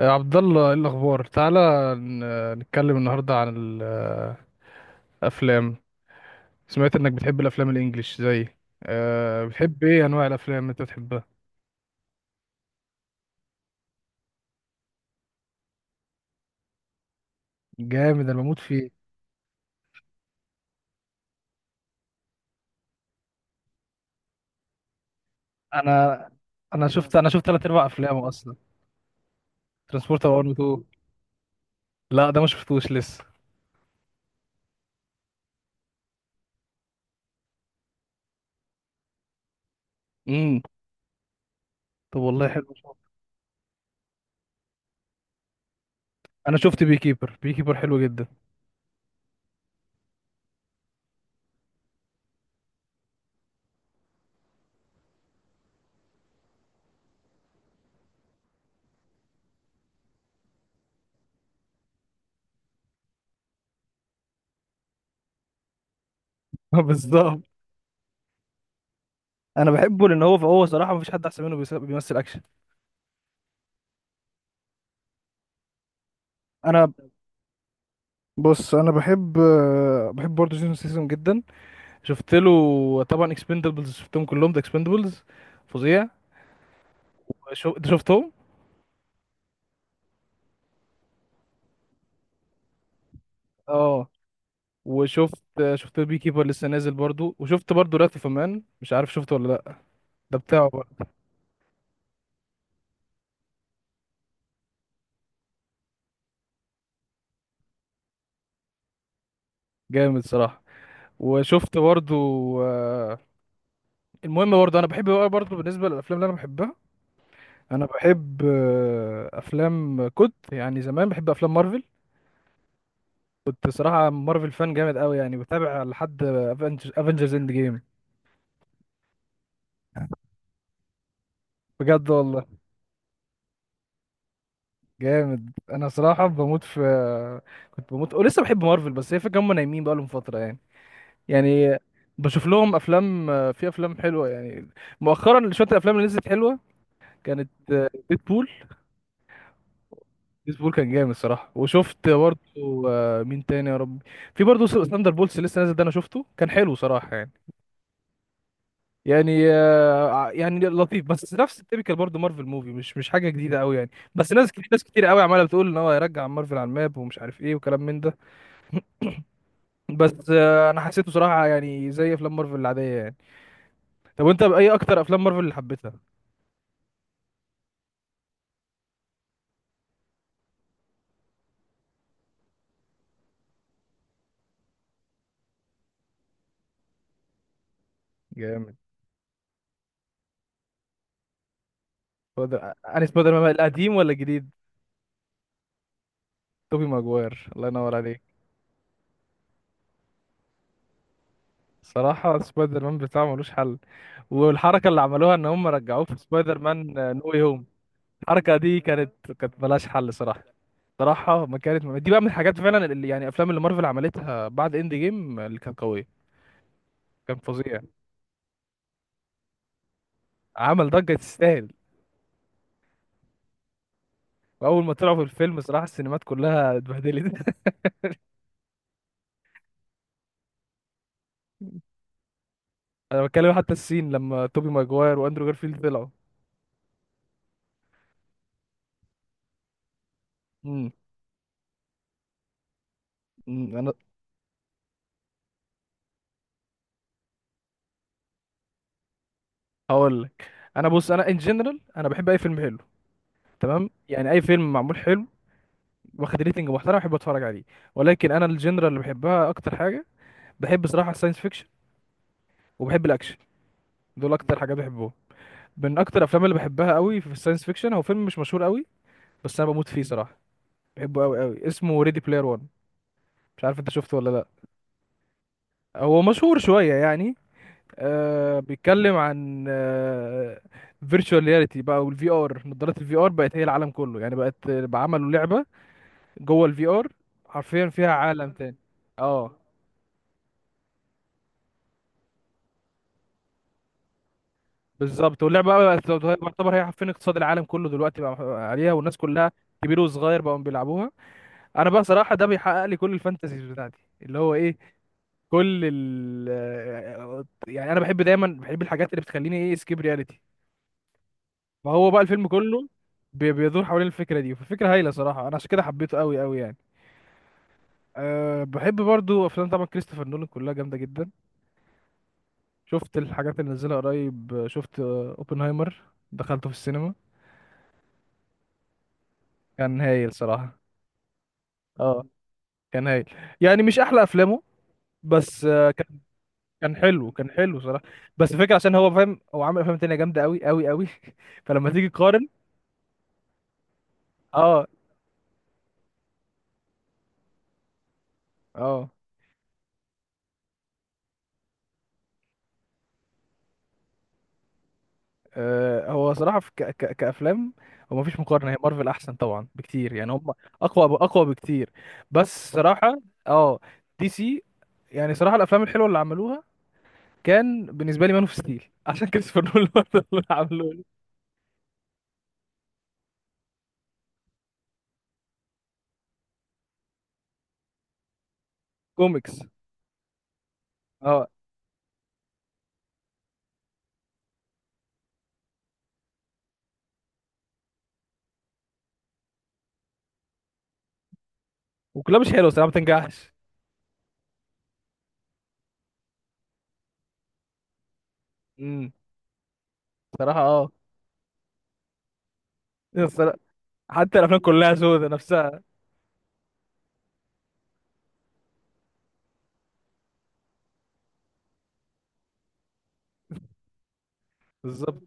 يا عبد الله، ايه الاخبار؟ تعالى نتكلم النهارده عن الافلام. سمعت انك بتحب الافلام الانجليش، زي أه بتحب ايه انواع الافلام اللي انت بتحبها؟ جامد، انا بموت فيه. انا انا شفت ثلاث ارباع افلامه اصلا. ترانسبورتر 1 و 2. لا، ده ما شفتوش لسه. امم طب والله حلو. انا شفت بي كيبر. بي كيبر حلو جدا. بالظبط. انا بحبه لان هو صراحه مفيش حد احسن منه بيمثل اكشن. انا، بص، انا بحب، بحب برضه جون سيسون جدا. شفت له طبعا اكسبندبلز، شفتهم كلهم ده. اكسبندبلز فظيع. انت شفتهم؟ اه، وشفت البي كيبر لسه نازل برضو، وشفت برضو رات اوف مان. مش عارف شفته ولا لا. ده بتاعه برضو. جامد صراحة. وشفت برضو آه، المهم، برضو انا بحب بقى، برضو بالنسبة للافلام اللي انا بحبها، انا بحب، افلام كنت يعني زمان بحب افلام مارفل. كنت صراحة مارفل فان جامد قوي يعني، بتابع لحد افنجرز اند جيم. بجد والله. جامد، انا صراحه بموت في. كنت بموت ولسه بحب مارفل، بس هي فكره هم نايمين بقى لهم فتره يعني بشوف لهم افلام. في افلام حلوه يعني مؤخرا، شويه الافلام اللي نزلت حلوه. كانت ديدبول. ديدبول كان جامد صراحه. وشفت برضه، مين تاني يا رب، في برضه ثاندر بولس لسه نازل. ده انا شفته، كان حلو صراحه يعني. يعني، يعني لطيف، بس نفس التيبيكال برضه مارفل موفي، مش حاجه جديده قوي يعني. بس ناس كتير ناس كتير قوي عماله بتقول ان هو هيرجع مارفل على الماب، ومش عارف ايه وكلام من ده. بس، انا حسيته صراحه يعني زي افلام مارفل العاديه يعني. طب وانت، باي اكتر افلام مارفل اللي حبيتها؟ جامد. انا سبايدر مان القديم ولا الجديد؟ توبي ماجواير، الله ينور عليك. صراحه سبايدر مان بتاعه ملوش حل. والحركه اللي عملوها ان هم رجعوه في سبايدر مان، نو واي هوم، الحركه دي كانت ملهاش حل صراحه. صراحه ما كانت دي بقى من الحاجات فعلا اللي يعني افلام اللي مارفل عملتها بعد اند جيم اللي كانت قويه. كان فظيع. عمل ضجه تستاهل. واول ما طلعوا في الفيلم صراحه السينمات كلها اتبهدلت. انا بتكلم حتى السين لما توبي ماجواير واندرو جارفيلد طلعوا. امم أمم، انا هقول لك. انا، بص، انا ان جنرال انا بحب اي فيلم حلو، تمام، يعني اي فيلم معمول حلو، واخد ريتنج محترم، بحب اتفرج عليه. ولكن انا الجنرال اللي بحبها اكتر حاجه، بحب صراحه الساينس فيكشن وبحب الاكشن. دول اكتر حاجات بحبهم. من اكتر الافلام اللي بحبها قوي في الساينس فيكشن هو فيلم مش مشهور قوي، بس انا بموت فيه صراحه. بحبه قوي قوي. اسمه ريدي بلاير 1. مش عارف انت شفته ولا لا. هو مشهور شويه يعني. آه، بيتكلم عن، فيرتشوال رياليتي بقى، والفي ار، نظارات الفي ار بقت هي العالم كله يعني. بقت بقى عملوا لعبة جوه الفي ار، حرفيا فيها عالم تاني. اه بالظبط. واللعبة بقى بقت تعتبر هي حرفيا اقتصاد العالم كله دلوقتي بقى، عليها، والناس كلها، كبير وصغير، بقوا بيلعبوها. انا بقى صراحة ده بيحقق لي كل الفانتازيز بتاعتي اللي هو ايه، كل ال آه، يعني انا بحب دايما بحب الحاجات اللي بتخليني ايه، سكيب رياليتي. فهو بقى الفيلم كله بيدور حوالين الفكره دي. فالفكره هايله صراحه، انا عشان كده حبيته قوي قوي يعني. أه، بحب برضو افلام طبعا كريستوفر نولان كلها جامده جدا. شفت الحاجات اللي نزلها قريب، شفت، اوبنهايمر. دخلته في السينما. كان هايل صراحه. اه كان هايل. يعني مش احلى افلامه، بس، كان حلو، كان حلو صراحه. بس الفكره عشان هو فاهم هو عامل افلام تانية جامده قوي قوي قوي. فلما تيجي تقارن، اه اه هو صراحة في ك ك كأفلام، هو مفيش مقارنة، هي مارفل أحسن طبعا بكتير يعني. هم أقوى أقوى بكتير. بس صراحة، اه دي سي، يعني صراحة الأفلام الحلوة اللي عملوها كان بالنسبة لي مان اوف ستيل. عشان كريستوفر نولان برضه اللي عملوه لي. كوميكس. اه، وكلها مش حلوة صراحة، ما بتنجحش. امم صراحة اه. الصرا- حتى الأفلام كلها سودة نفسها. بالظبط.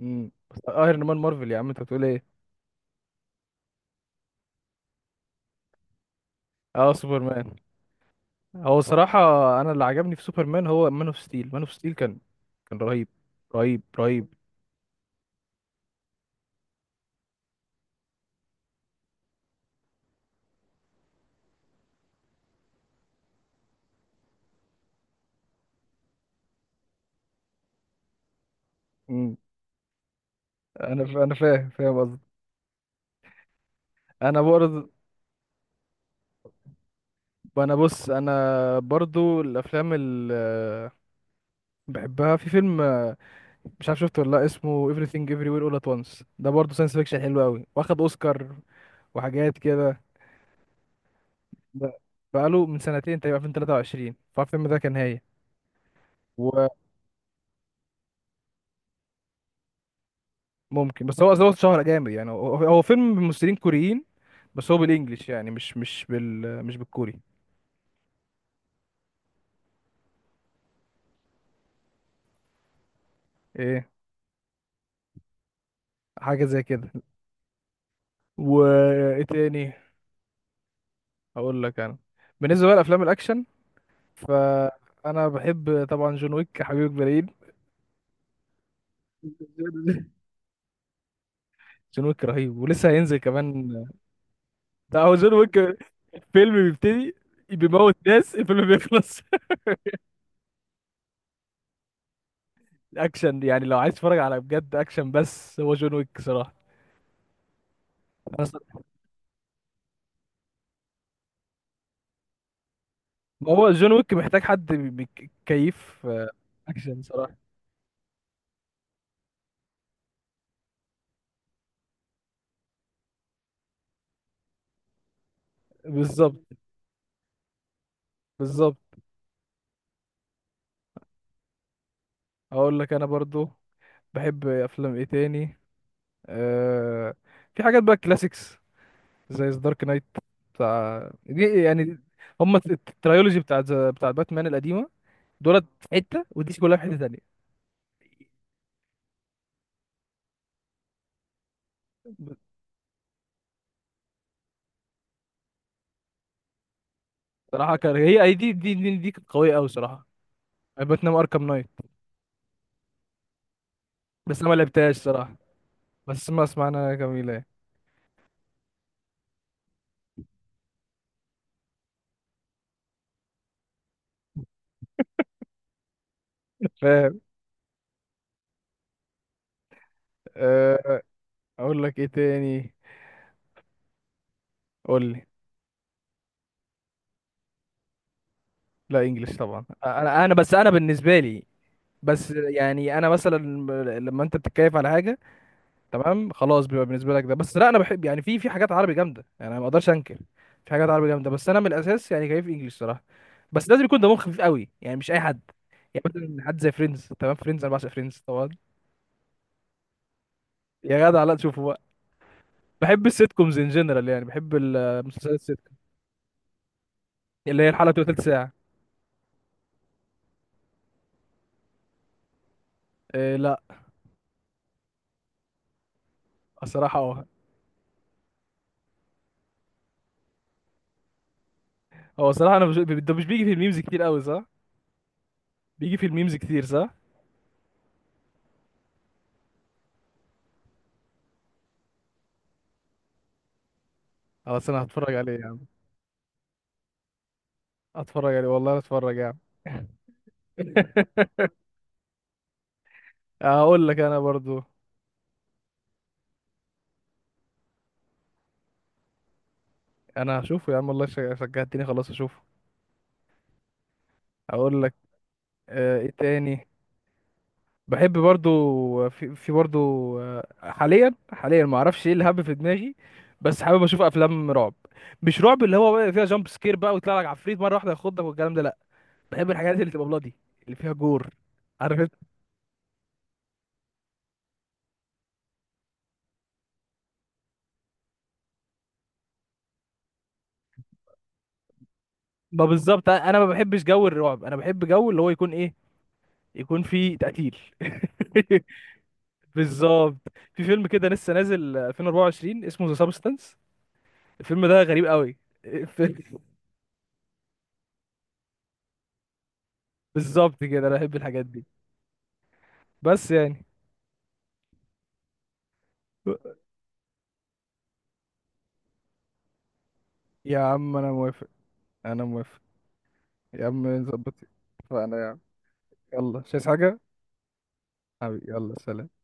بس ايرون مان مارفل يا عم، انت بتقول ايه؟ اه سوبرمان. هو صراحة أنا اللي عجبني في سوبرمان هو مان أوف ستيل. مان أوف ستيل كان رهيب. رهيب رهيب. مم. أنا فاهم، فاهم قصدي. أنا برضه. أنا، بص، أنا برضو الأفلام اللي بحبها في فيلم، مش عارف شفته ولا لأ، اسمه Everything Everywhere All At Once. ده برضه ساينس فيكشن حلو أوي، واخد أوسكار وحاجات كده. ده بقاله من سنتين تقريبا، 2023. فالفيلم ده كان هايل. وممكن، بس هو اتشهر جامد يعني. هو فيلم ممثلين كوريين، بس هو بالانجلش يعني، مش مش بالكوري. ايه، حاجه زي كده. وايه تاني؟ اقول لك انا، بالنسبه بقى لافلام الاكشن، فانا بحب طبعا جون ويك، حبيب البرايد. جون ويك رهيب، ولسه هينزل كمان. ده هو جون ويك، فيلم بيبتدي بيموت ناس، الفيلم بيخلص. اكشن يعني، لو عايز تتفرج على بجد اكشن، بس هو جون ويك صراحه. انا صراحة. هو جون ويك محتاج حد كيف، اكشن صراحه. بالظبط، بالظبط. اقول لك انا برضو بحب افلام ايه تاني. أه في حاجات بقى كلاسيكس زي دارك نايت، بتاع دي يعني، هم الترايولوجي بتاعت باتمان القديمه. دولت في حته ودي كلها في حته تانية. بصراحه كان هي أي دي كانت قويه قوي صراحه، يعني باتمان اركام نايت. بس انا ما لعبتهاش صراحه، بس ما اسمعنا جميله يعني. فاهم. أه اقول لك ايه تاني. قول لي. لا انجلش طبعا. انا بس انا بالنسبه لي، بس يعني انا مثلا، لما انت بتتكيف على حاجه، تمام، خلاص، بيبقى بالنسبه لك ده. بس لا، انا بحب يعني، في حاجات عربي جامده يعني، انا ما اقدرش انكر. في حاجات عربي جامده، بس انا من الاساس يعني كيف انجلش صراحه. بس لازم يكون دمهم خفيف قوي يعني، مش اي حد. يعني مثلا حد زي فريندز، تمام، فريندز انا بعشق فريندز طبعا. يا جدع لا تشوفه بقى. بحب السيت كومز ان جنرال، يعني بحب المسلسلات السيت، اللي هي الحلقه بتبقى تلت ساعه. إيه لا. الصراحه اه، هو الصراحه، انا مش ده مش بيجي في الميمز كتير قوي صح؟ بيجي في الميمز كتير صح. خلاص انا هتفرج عليه يا عم. هتفرج عليه والله هتفرج يا عم. هقول لك انا برضو. انا هشوفه يا عم والله، شجعتني، خلاص اشوفه. هقول لك، ايه تاني. بحب برضو في, برضو، حاليا، حاليا ما اعرفش ايه اللي هب في دماغي، بس حابب اشوف افلام رعب. مش رعب اللي هو بقى فيها جامب سكير بقى ويطلع لك عفريت مره واحده ياخدك والكلام ده، لا. بحب الحاجات اللي تبقى بلادي، اللي فيها جور، عارف انت. ما بالظبط، انا ما بحبش جو الرعب، انا بحب جو اللي هو يكون ايه، يكون فيه تقتيل. بالظبط. في فيلم كده لسه نازل 2024 اسمه ذا سابستنس. الفيلم ده غريب قوي. ف- بالظبط كده، انا بحب الحاجات دي. بس يعني. يا عم انا موافق. انا موافق. يا عم نظبط. فانا يا عم، يلا مش عايز حاجه. حبيبي يلا سلام.